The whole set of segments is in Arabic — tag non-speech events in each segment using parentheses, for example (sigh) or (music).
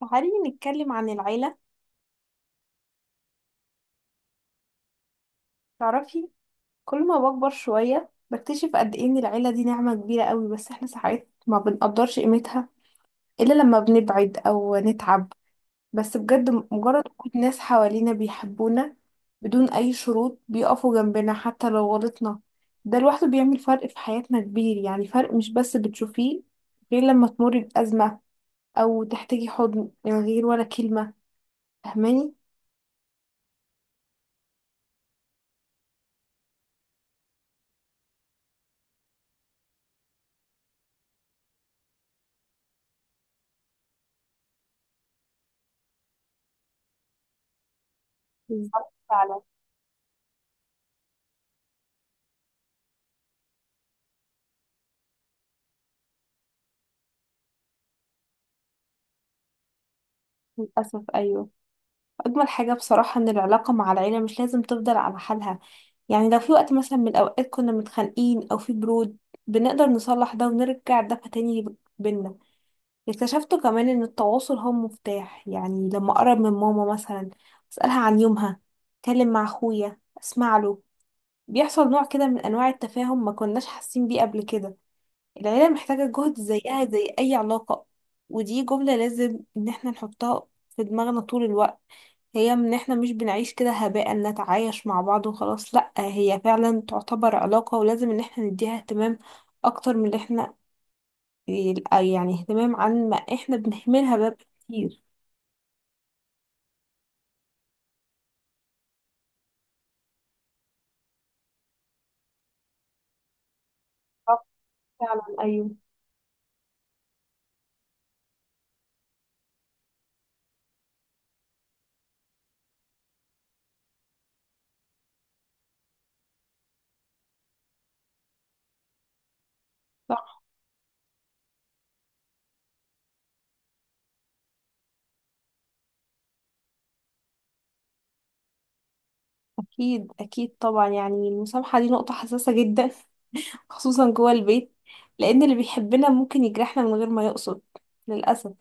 تعالي نتكلم عن العيلة. تعرفي، كل ما بكبر شوية بكتشف قد ايه ان العيلة دي نعمة كبيرة قوي، بس احنا ساعات ما بنقدرش قيمتها الا لما بنبعد او نتعب. بس بجد مجرد وجود ناس حوالينا بيحبونا بدون اي شروط، بيقفوا جنبنا حتى لو غلطنا، ده لوحده بيعمل فرق في حياتنا كبير. يعني فرق مش بس بتشوفيه غير لما تمر بأزمة او تحتاجي حضن من غير ولا كلمة، فاهماني؟ بالظبط فعلا. للأسف أيوه. أجمل حاجة بصراحة إن العلاقة مع العيلة مش لازم تفضل على حالها. يعني لو في وقت مثلا من الأوقات كنا متخانقين أو في برود، بنقدر نصلح ده ونرجع ده تاني بينا. اكتشفت كمان إن التواصل هو مفتاح. يعني لما أقرب من ماما مثلا، أسألها عن يومها، أتكلم مع أخويا أسمع له، بيحصل نوع كده من أنواع التفاهم ما كناش حاسين بيه قبل كده. العيلة محتاجة جهد زيها زي أي علاقة. ودي جملة لازم إن احنا نحطها في دماغنا طول الوقت، هي ان احنا مش بنعيش كده هباء، نتعايش مع بعض وخلاص، لا هي فعلا تعتبر علاقة ولازم ان احنا نديها اهتمام اكتر من اللي احنا، يعني اهتمام عن ما احنا بنهملها بقى كتير. صح. فعلا ايوه. صح. اكيد اكيد طبعا، يعني المسامحة دي نقطة حساسة جدا. (laughs) خصوصا جوه البيت، لان اللي بيحبنا ممكن يجرحنا من غير ما يقصد للأسف.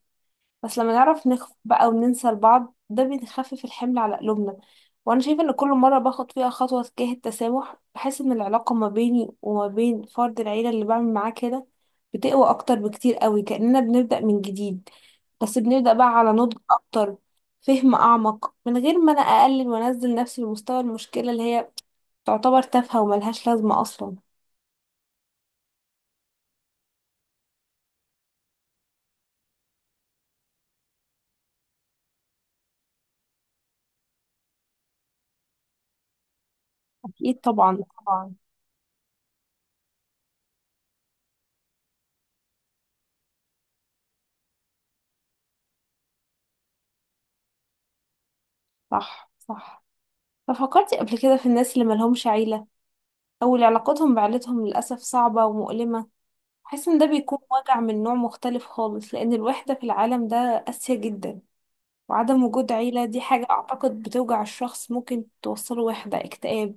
بس لما نعرف نخف بقى وننسى لبعض، ده بيخفف الحمل على قلوبنا. وانا شايفه ان كل مره باخد فيها خطوه تجاه التسامح، بحس ان العلاقه ما بيني وما بين فرد العيله اللي بعمل معاه كده بتقوى اكتر بكتير قوي، كاننا بنبدا من جديد بس بنبدا بقى على نضج اكتر، فهم اعمق من غير ما انا اقلل وانزل نفسي لمستوى المشكله اللي هي تعتبر تافهه وملهاش لازمه اصلا. اكيد طبعا. طبعا. صح صح. ففكرتي قبل كده في الناس اللي ملهمش عيله، أول علاقتهم بعيلتهم للأسف صعبة ومؤلمة. بحس إن ده بيكون وجع من نوع مختلف خالص، لأن الوحدة في العالم ده قاسية جدا. وعدم وجود عيلة دي حاجة أعتقد بتوجع الشخص، ممكن توصله وحدة اكتئاب.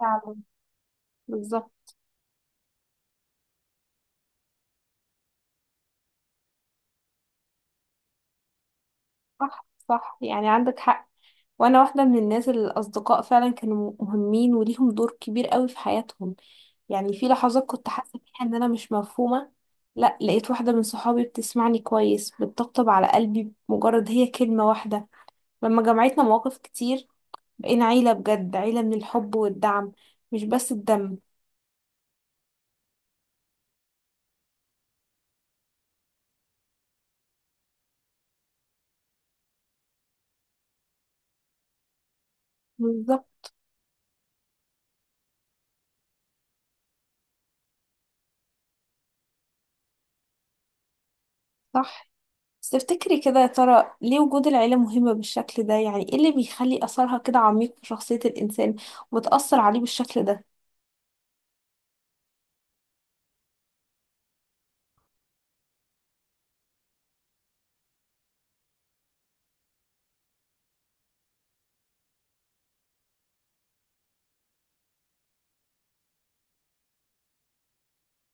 فعلا بالظبط. صح صح يعني عندك حق. وأنا واحدة من الناس اللي الأصدقاء فعلا كانوا مهمين وليهم دور كبير قوي في حياتهم. يعني في لحظات كنت حاسة فيها إن أنا مش مفهومة، لا لقيت واحدة من صحابي بتسمعني كويس، بتطبطب على قلبي بمجرد هي كلمة واحدة. لما جمعتنا مواقف كتير، بقينا عيلة بجد، عيلة من الحب والدعم مش بس الدم. بالظبط. صح. بس تفتكري كده يا ترى ليه وجود العيلة مهمة بالشكل ده؟ يعني ايه اللي بيخلي أثرها كده عميق في شخصية الإنسان وتأثر عليه بالشكل ده؟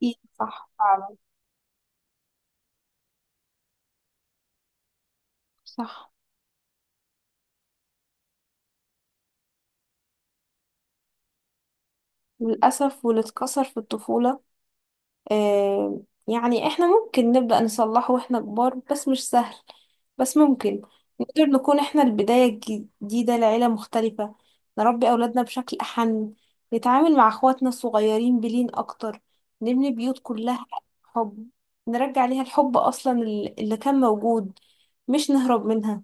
إيه صح فعلا. صح. للأسف، واللي اتكسر في الطفولة آه، يعني احنا ممكن نبدأ نصلحه واحنا كبار بس مش سهل، بس ممكن. نقدر نكون احنا البداية الجديدة لعيلة مختلفة، نربي أولادنا بشكل أحن، نتعامل مع أخواتنا الصغيرين بلين أكتر، نبني بيوت كلها حب، نرجع ليها الحب أصلا اللي كان موجود، مش نهرب منها.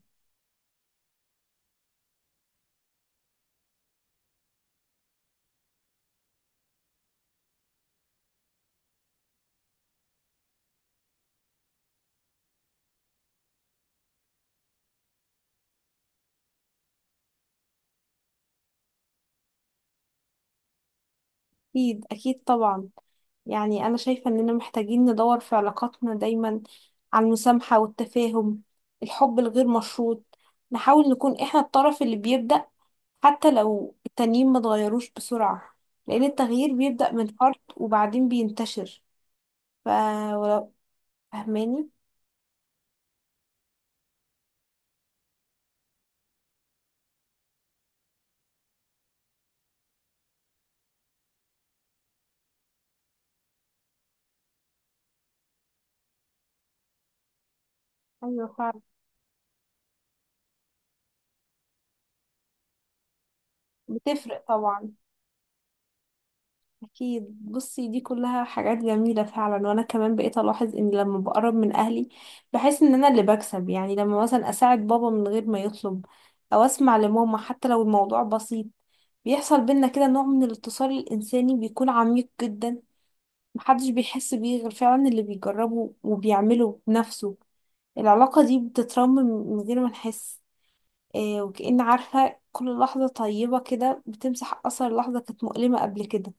أكيد أكيد طبعا. يعني أنا شايفة إننا محتاجين ندور في علاقاتنا دايما على المسامحة والتفاهم، الحب الغير مشروط. نحاول نكون إحنا الطرف اللي بيبدأ حتى لو التانيين ما اتغيروش بسرعة، لأن التغيير بيبدأ من فرد وبعدين بينتشر. ف فهماني؟ أيوة فعلا. بتفرق طبعا. أكيد. بصي دي كلها حاجات جميلة فعلا، وأنا كمان بقيت ألاحظ إن لما بقرب من أهلي بحس إن أنا اللي بكسب. يعني لما مثلا أساعد بابا من غير ما يطلب أو أسمع لماما حتى لو الموضوع بسيط، بيحصل بينا كده نوع من الاتصال الإنساني بيكون عميق جدا، محدش بيحس بيه غير فعلا اللي بيجربه وبيعمله بنفسه. العلاقة دي بتترمم من غير ما نحس. إيه وكأن عارفة، كل لحظة طيبة كده بتمسح أثر لحظة كانت مؤلمة قبل كده.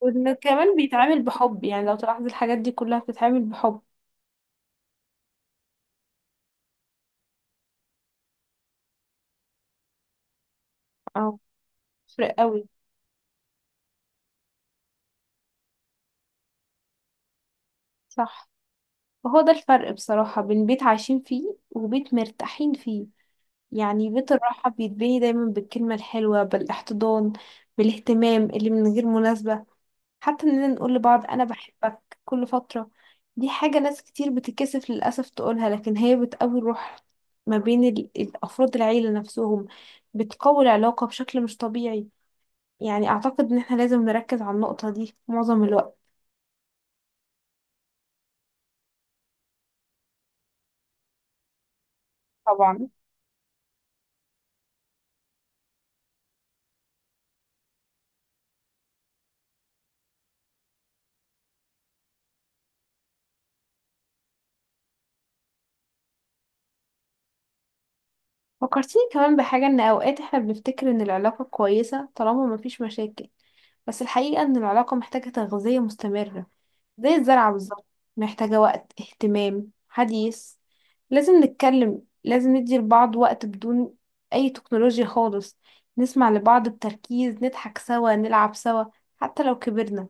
وإن كمان بيتعامل بحب، يعني لو تلاحظي الحاجات دي كلها بتتعامل بحب. اه فرق قوي. صح. وهو ده الفرق بصراحة بين بيت عايشين فيه وبيت مرتاحين فيه. يعني بيت الراحة بيتبني دايما بالكلمة الحلوة، بالاحتضان، بالاهتمام اللي من غير مناسبة، حتى إننا نقول لبعض أنا بحبك كل فترة. دي حاجة ناس كتير بتتكسف للأسف تقولها، لكن هي بتقوي الروح ما بين الأفراد العيلة نفسهم، بتقوي العلاقة بشكل مش طبيعي. يعني اعتقد ان احنا لازم نركز على النقطة دي معظم الوقت. طبعا. فكرتيني كمان بحاجة، ان اوقات احنا بنفتكر ان العلاقة كويسة طالما مفيش مشاكل، بس الحقيقة ان العلاقة محتاجة تغذية مستمرة، زي الزرعة بالظبط. محتاجة وقت، اهتمام، حديث، لازم نتكلم، لازم ندي لبعض وقت بدون اي تكنولوجيا خالص، نسمع لبعض بتركيز، نضحك سوا، نلعب سوا، حتى لو كبرنا.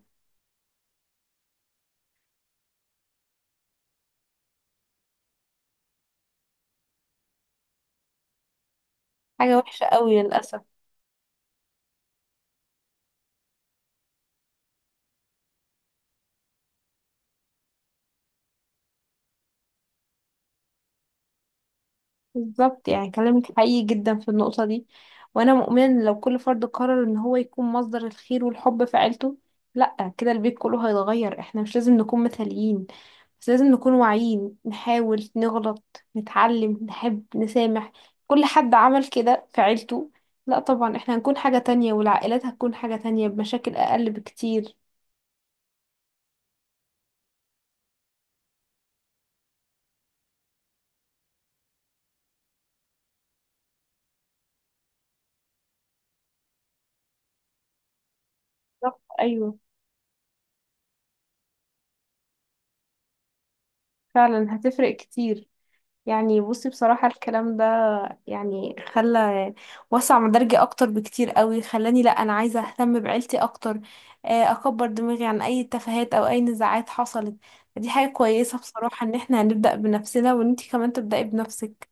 حاجة وحشة قوي للأسف. بالظبط، يعني كلامك حقيقي جدا في النقطة دي. وأنا مؤمنة إن لو كل فرد قرر إن هو يكون مصدر الخير والحب في عيلته، لأ كده البيت كله هيتغير. احنا مش لازم نكون مثاليين بس لازم نكون واعيين، نحاول، نغلط، نتعلم، نحب، نسامح. كل حد عمل كده في عيلته، لأ طبعا احنا هنكون حاجة تانية، والعائلات هتكون حاجة تانية بمشاكل أقل بكتير. بالظبط أيوه. فعلا هتفرق كتير. يعني بصي بصراحة الكلام ده يعني خلى، وسع مدارجي أكتر بكتير قوي، خلاني لأ أنا عايزة أهتم بعيلتي أكتر، أكبر دماغي عن أي تفاهات أو أي نزاعات حصلت. دي حاجة كويسة بصراحة إن احنا هنبدأ بنفسنا وإن انتي كمان تبدأي بنفسك.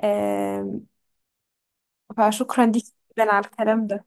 آه، فشكرا ليكي جدا على الكلام ده.